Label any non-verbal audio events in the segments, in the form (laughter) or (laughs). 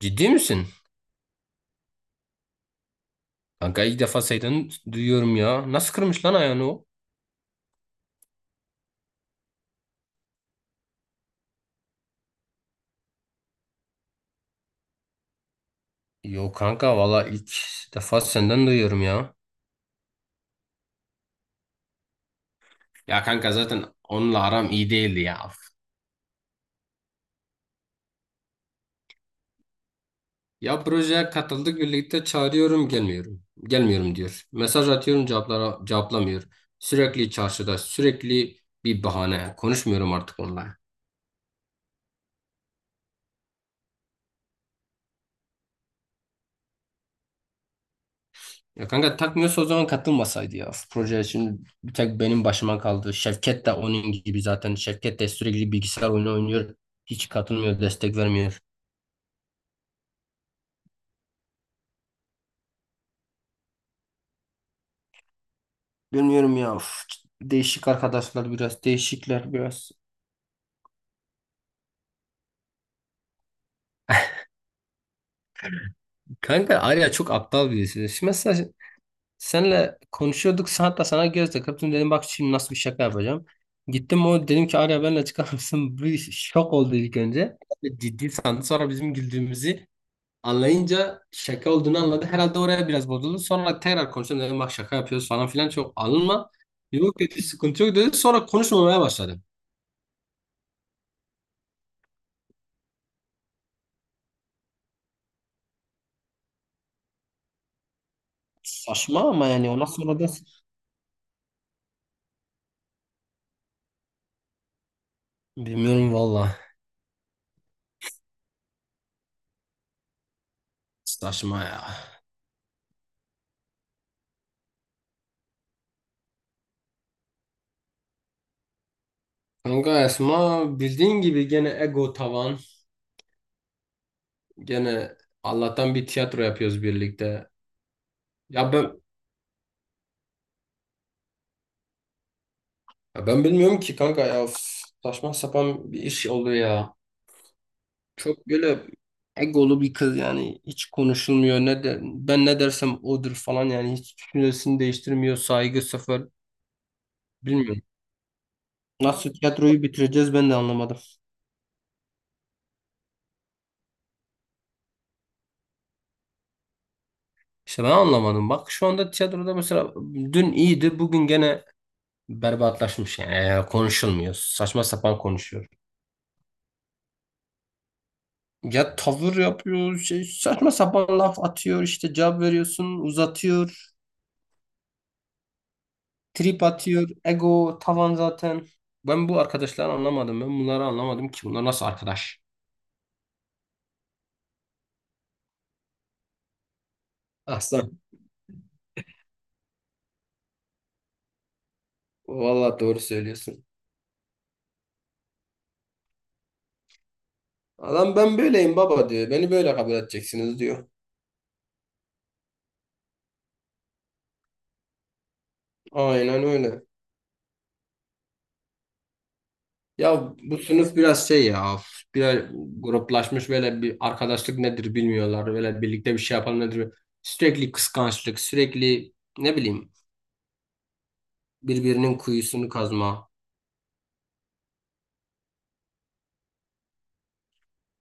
Ciddi misin? Kanka ilk defa senden duyuyorum ya. Nasıl kırmış lan ayağını o? Yok kanka valla ilk defa senden duyuyorum ya. Ya kanka zaten onunla aram iyi değildi ya. Ya projeye katıldık birlikte çağırıyorum gelmiyorum. Gelmiyorum diyor. Mesaj atıyorum cevaplara cevaplamıyor. Sürekli çarşıda, bir bahane. Konuşmuyorum artık onunla. Ya kanka takmıyorsa o zaman katılmasaydı ya. Proje şimdi bir tek benim başıma kaldı. Şevket de onun gibi zaten. Şevket de sürekli bilgisayar oyunu oynuyor. Hiç katılmıyor, destek vermiyor. Bilmiyorum ya. Değişik arkadaşlar biraz, değişikler biraz. (laughs) Kanka Arya çok aptal birisi. Şimdi mesela senle konuşuyorduk. Hatta sana göz takıp dedim bak şimdi nasıl bir şaka yapacağım. Gittim o dedim ki Arya benimle çıkar mısın? (laughs) Bir şok oldu ilk önce. Ciddi sandı sonra bizim güldüğümüzü. Anlayınca şaka olduğunu anladı. Herhalde oraya biraz bozuldu. Sonra tekrar konuştum dedim bak şaka yapıyoruz falan filan çok alınma. Yok dedi sıkıntı yok dedi. Sonra konuşmamaya başladım. Saçma ama yani ona sonra da bilmiyorum valla. Saçma ya. Kanka Esma bildiğin gibi gene ego tavan. Gene Allah'tan bir tiyatro yapıyoruz birlikte. Ya ben ya ben bilmiyorum ki kanka ya. Üf, saçma sapan bir iş oldu ya. Çok böyle egolu bir kız yani hiç konuşulmuyor ne der, ben ne dersem odur falan yani hiç düşüncesini değiştirmiyor, saygı sıfır, bilmiyorum. Nasıl tiyatroyu bitireceğiz ben de anlamadım. İşte ben anlamadım. Bak şu anda tiyatroda mesela dün iyiydi bugün gene berbatlaşmış yani, yani konuşulmuyor. Saçma sapan konuşuyor. Ya tavır yapıyor şey, saçma sapan laf atıyor işte cevap veriyorsun uzatıyor. Trip atıyor. Ego tavan zaten. Ben bu arkadaşları anlamadım. Ben bunları anlamadım ki. Bunlar nasıl arkadaş? Aslan. Vallahi doğru söylüyorsun. Adam ben böyleyim baba diyor. Beni böyle kabul edeceksiniz diyor. Aynen öyle. Ya bu sınıf biraz şey ya. Biraz gruplaşmış böyle, bir arkadaşlık nedir bilmiyorlar. Böyle birlikte bir şey yapalım nedir. Sürekli kıskançlık, sürekli ne bileyim birbirinin kuyusunu kazma.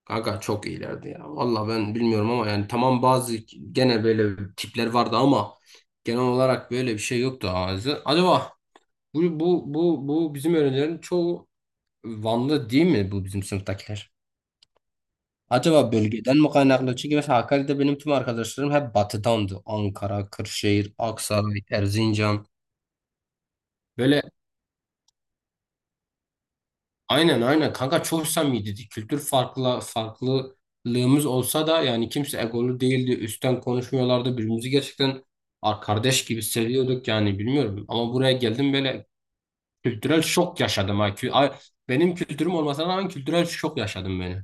Kanka çok iyilerdi ya. Valla ben bilmiyorum ama yani tamam bazı gene böyle tipler vardı ama genel olarak böyle bir şey yoktu ağzı. Acaba bu bizim öğrencilerin çoğu Vanlı değil mi, bu bizim sınıftakiler? Acaba bölgeden mi kaynaklı? Çünkü mesela Hakkari'de benim tüm arkadaşlarım hep batıdandı. Ankara, Kırşehir, Aksaray, Erzincan. Böyle aynen aynen kanka çok samimiydi. Kültür farklı farklılığımız olsa da yani kimse egolu değildi. Üstten konuşmuyorlardı. Birbirimizi gerçekten kardeş gibi seviyorduk yani bilmiyorum. Ama buraya geldim böyle kültürel şok yaşadım. Ha. Benim kültürüm olmasına rağmen kültürel şok yaşadım beni.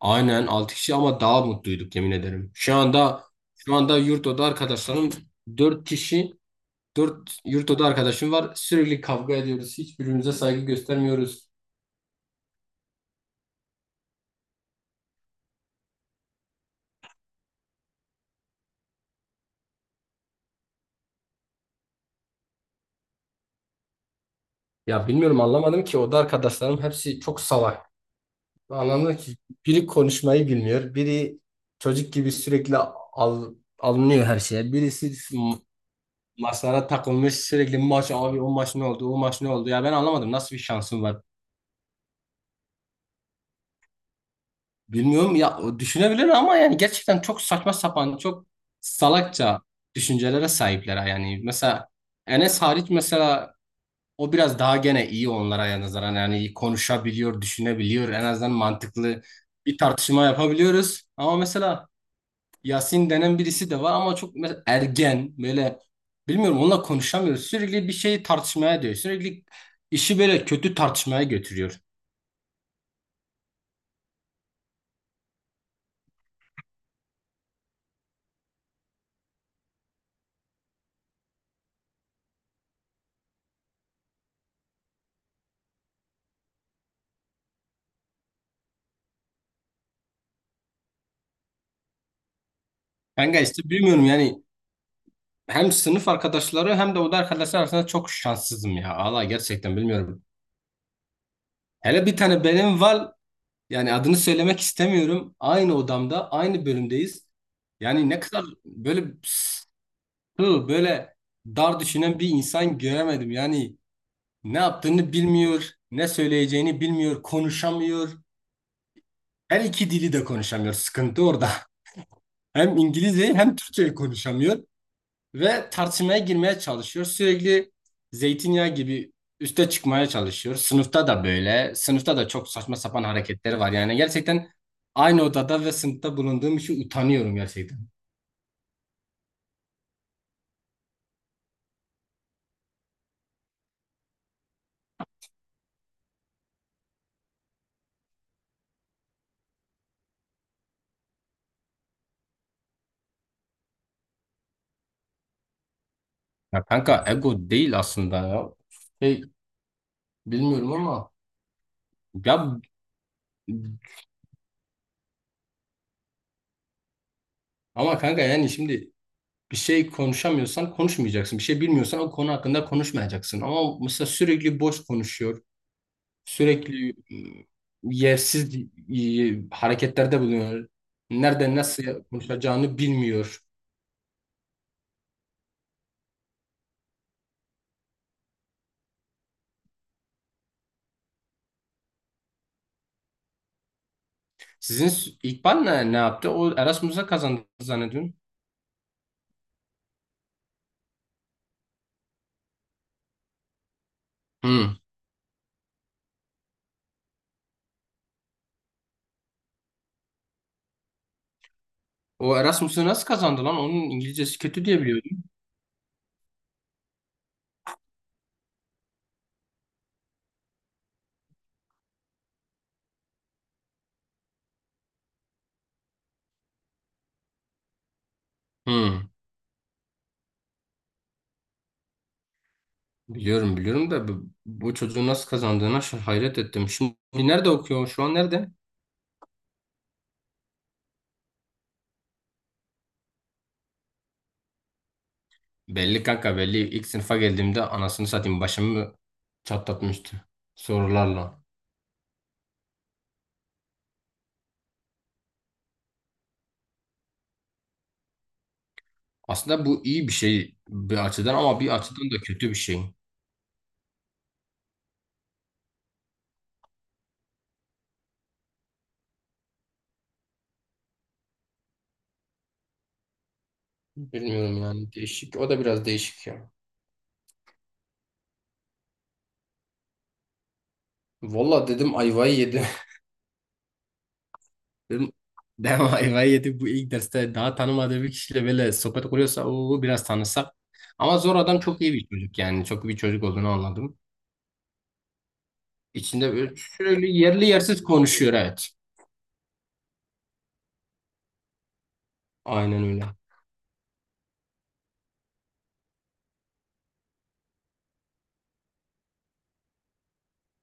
Aynen 6 kişi ama daha mutluyduk yemin ederim. Şu anda yurt oda arkadaşlarım 4 kişi, 4 yurt oda arkadaşım var. Sürekli kavga ediyoruz. Hiçbirimize saygı göstermiyoruz. Ya bilmiyorum anlamadım ki oda arkadaşlarım hepsi çok salak. Anlamadım ki biri konuşmayı bilmiyor. Biri çocuk gibi sürekli alınıyor her şeye. Birisi maçlara takılmış sürekli maç abi o maç ne oldu o maç ne oldu. Ya ben anlamadım nasıl bir şansım var. Bilmiyorum ya o düşünebilir ama yani gerçekten çok saçma sapan çok salakça düşüncelere sahipler yani. Mesela Enes hariç. O biraz daha gene iyi onlara nazaran yani konuşabiliyor, düşünebiliyor. En azından mantıklı bir tartışma yapabiliyoruz. Ama mesela Yasin denen birisi de var ama çok mesela ergen böyle, bilmiyorum onunla konuşamıyoruz. Sürekli bir şeyi tartışmaya diyor. Sürekli işi böyle kötü tartışmaya götürüyor. Ben gayet gerçekten bilmiyorum yani hem sınıf arkadaşları hem de oda arkadaşlar arasında çok şanssızım ya. Allah gerçekten bilmiyorum. Hele bir tane benim var, yani adını söylemek istemiyorum. Aynı odamda, aynı bölümdeyiz. Yani ne kadar böyle sığ, böyle dar düşünen bir insan göremedim. Yani ne yaptığını bilmiyor, ne söyleyeceğini bilmiyor, konuşamıyor. Her iki dili de konuşamıyor. Sıkıntı orada. (laughs) Hem İngilizceyi hem Türkçeyi konuşamıyor. Ve tartışmaya girmeye çalışıyor. Sürekli zeytinyağı gibi üste çıkmaya çalışıyor. Sınıfta da böyle. Sınıfta da çok saçma sapan hareketleri var. Yani gerçekten aynı odada ve sınıfta bulunduğum için utanıyorum gerçekten. Ya kanka ego değil aslında ya. Şey, bilmiyorum ama ya ama kanka yani şimdi bir şey konuşamıyorsan konuşmayacaksın. Bir şey bilmiyorsan o konu hakkında konuşmayacaksın. Ama mesela sürekli boş konuşuyor. Sürekli yersiz hareketlerde bulunuyor. Nerede nasıl konuşacağını bilmiyor. İkbal ne yaptı? O Erasmus'a kazandı zannediyorum. Hı. O Erasmus'u nasıl kazandı lan? Onun İngilizcesi kötü diye biliyordum. Hı. Biliyorum biliyorum da bu çocuğun nasıl kazandığına hayret ettim. Şimdi nerede okuyor? Şu an nerede? Belli kanka belli. İlk sınıfa geldiğimde anasını satayım başımı çatlatmıştı sorularla. Aslında bu iyi bir şey bir açıdan ama bir açıdan da kötü bir şey. Bilmiyorum yani değişik. O da biraz değişik ya. Valla dedim ayvayı yedi. (laughs) Dedim dedim ayvayı yedi bu ilk derste daha tanımadığı bir kişiyle böyle sohbet kuruyorsa o biraz tanısak. Ama zor adam çok iyi bir çocuk yani. Çok iyi bir çocuk olduğunu anladım. İçinde böyle sürekli yerli yersiz konuşuyor evet. Aynen öyle.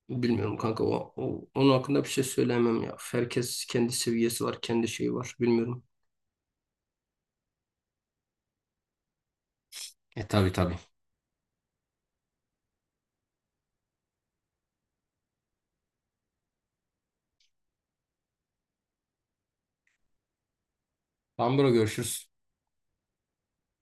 Bilmiyorum kanka onun hakkında bir şey söyleyemem ya. Herkes kendi seviyesi var, kendi şeyi var. Bilmiyorum. E tabii tabii. Tamam bro görüşürüz.